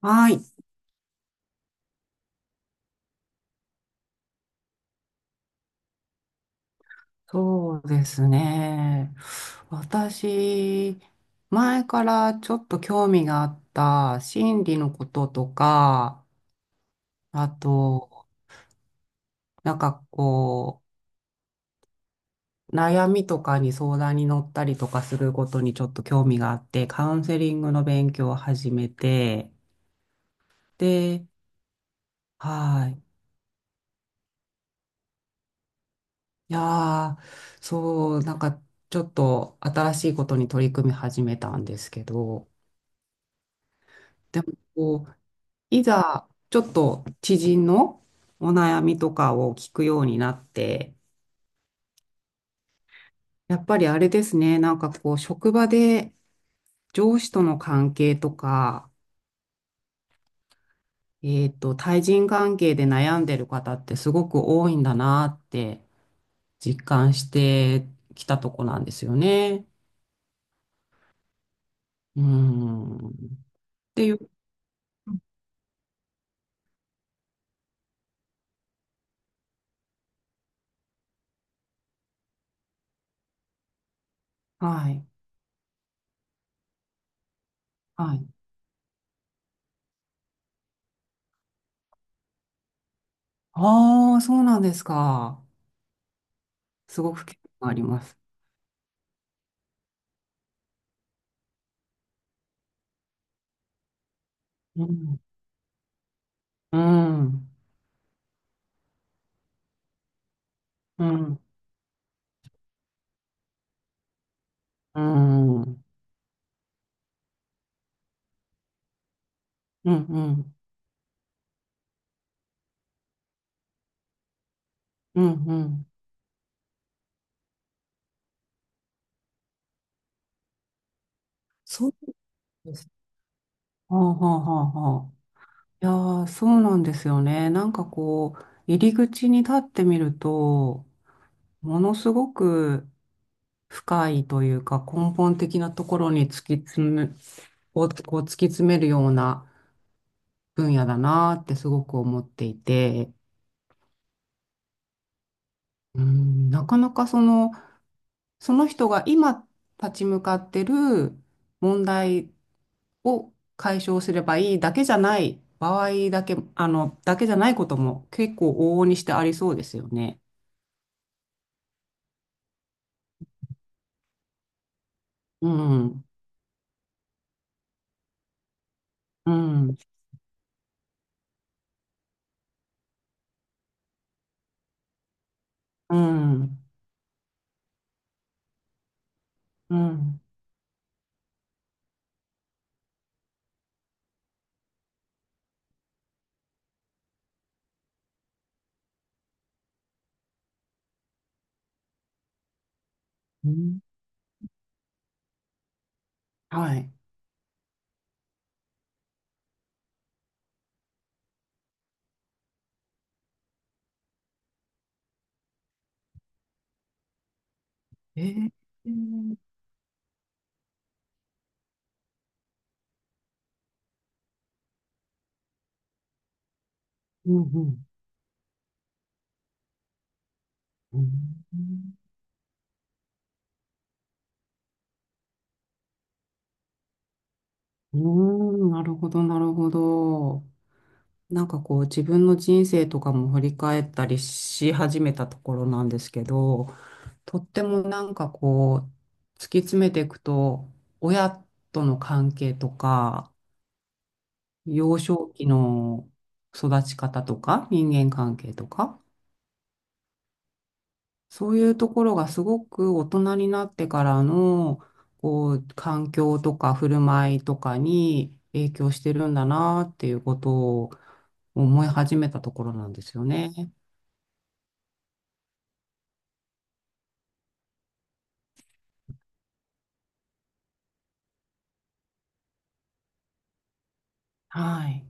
はい。そうですね。私、前からちょっと興味があった心理のこととか、あと、なんかこ悩みとかに相談に乗ったりとかすることにちょっと興味があって、カウンセリングの勉強を始めて、で、はい。いやー、そう、なんかちょっと新しいことに取り組み始めたんですけど、でもいざ、ちょっと知人のお悩みとかを聞くようになって、やっぱりあれですね、職場で上司との関係とか、対人関係で悩んでる方ってすごく多いんだなって実感してきたとこなんですよね。うん。っていう、はい。はい。ああ、そうなんですか。すごく興味があります。うん。うん。うん。うん。うん、うん、うん、うん。そうなんです。はあはあはあはあ。いやー、そうなんですよね。入り口に立ってみると、ものすごく深いというか、根本的なところに突き詰め、をこう突き詰めるような分野だなーってすごく思っていて、うん、なかなかその人が今立ち向かってる問題を解消すればいいだけじゃない場合だけ、あの、だけじゃないことも結構往々にしてありそうですよね。うん、うん、うん、うん。うん、はい。えー、うん、うん、うん、うーんなるほど、なるほど。自分の人生とかも振り返ったりし始めたところなんですけど、とっても突き詰めていくと、親との関係とか、幼少期の育ち方とか、人間関係とか、そういうところがすごく大人になってからの、環境とか振る舞いとかに影響してるんだなっていうことを思い始めたところなんですよね。はい。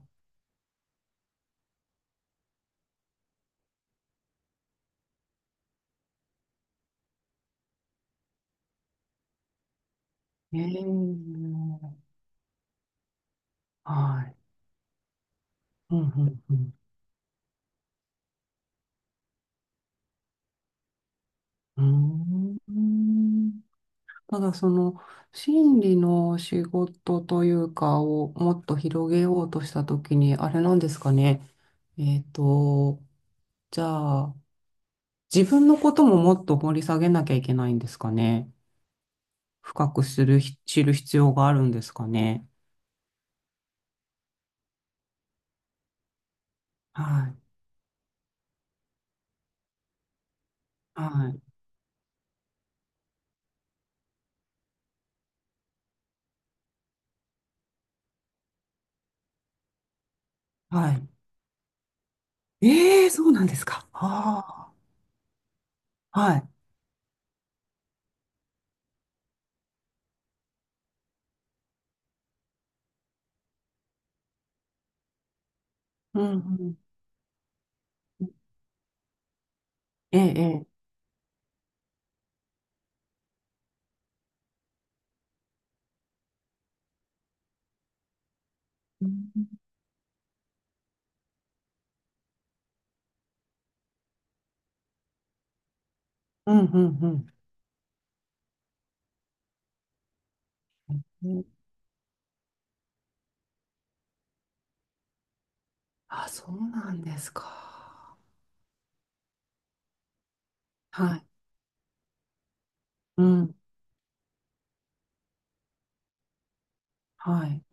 ええ、はい。うん、うん、うん。ただその心理の仕事というかをもっと広げようとしたときに、あれなんですかね。えっと、じゃあ自分のことももっと掘り下げなきゃいけないんですかね。深くする、知る必要があるんですかね。はい。はい。はい。ええ、そうなんですか。ああ、はい。うん、うん。ええ、ええ。うん、うん、うん。うん。あ、そうなんですか。はい。うん。はい。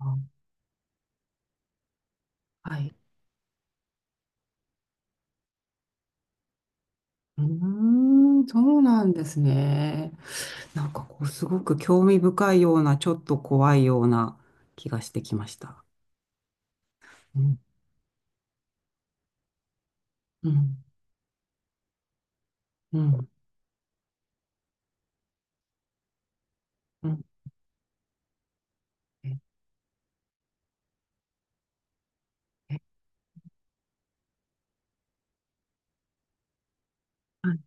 あ、はい。うーん、そうなんですね。すごく興味深いような、ちょっと怖いような気がしてきました。うん、うん、うん、うん。ええ、はい。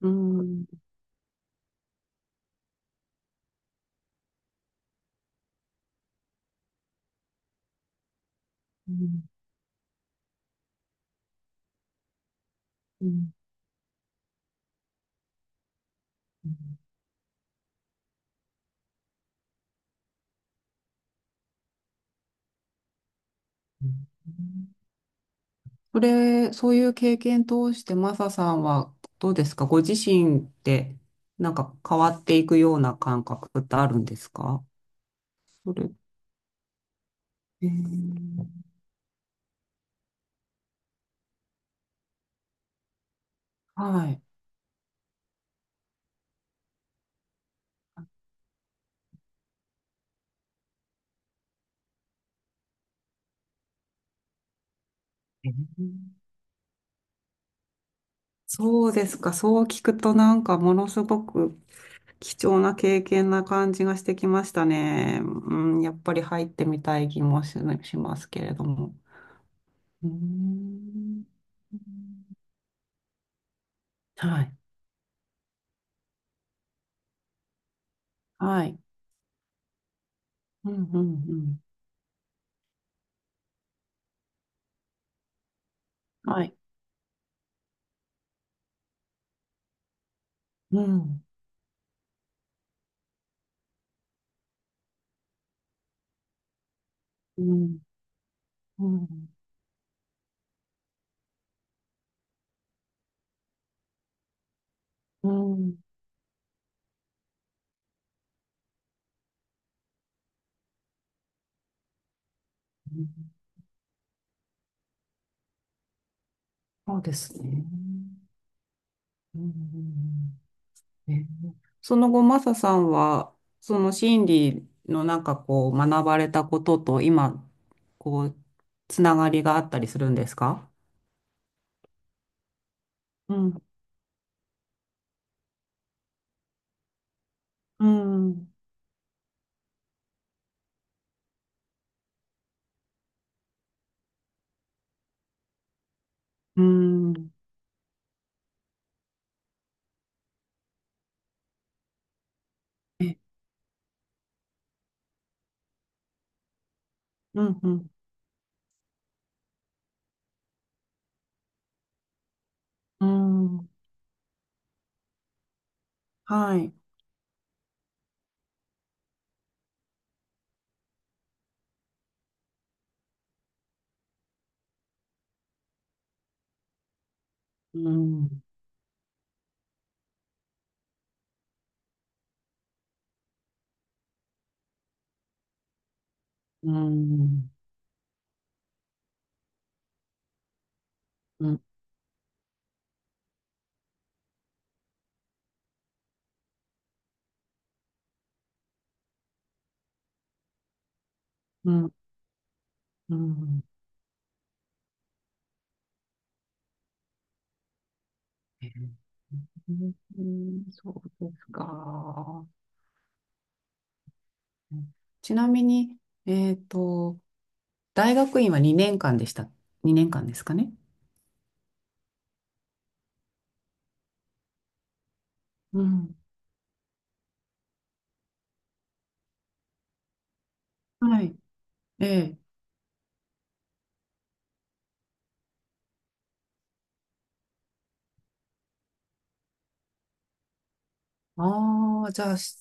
うん、うん、うん。うん、うん。そういう経験通して、マサさんはどうですか、ご自身って、なんか変わっていくような感覚ってあるんですか、それ。えーはい。そうですか。そう聞くとものすごく貴重な経験な感じがしてきましたね。うん、やっぱり入ってみたい気もしますけれども。うーん。はい。はい。うん、うん、うん。はい。うん、うん、うん、うん。うん。そうですね。うん、うん、うん。その後、マサさんは、その心理の学ばれたことと今、こう、つながりがあったりするんですか？うん、うん、うん、え、うん、うん、うん、はい、うん、うん、うん、うん、うん、えうん。そうですか。ちなみに、えっと、大学院は2年間でした。2年間ですかね。うん、はい、ええ。ああ、じゃあ、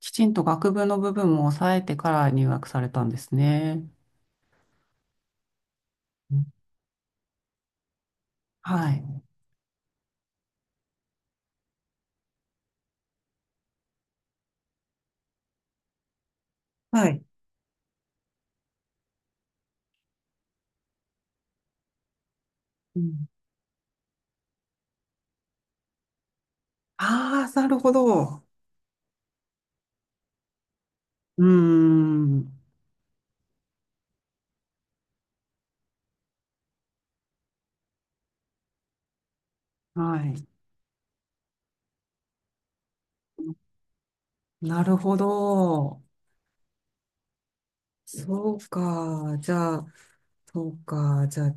きちんと学部の部分も抑えてから入学されたんですね。うん、はい。はい。うん、ああー、なるほど。うーん。はい。なるほど。そうか。じゃあ、そうか。じゃあ、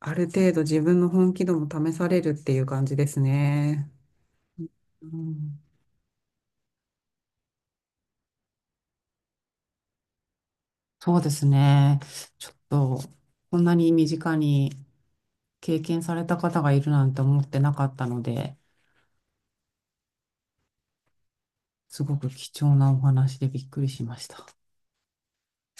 ある程度自分の本気度も試されるっていう感じですね。うん、そうですね。ちょっと、こんなに身近に経験された方がいるなんて思ってなかったので、すごく貴重なお話でびっくりしました。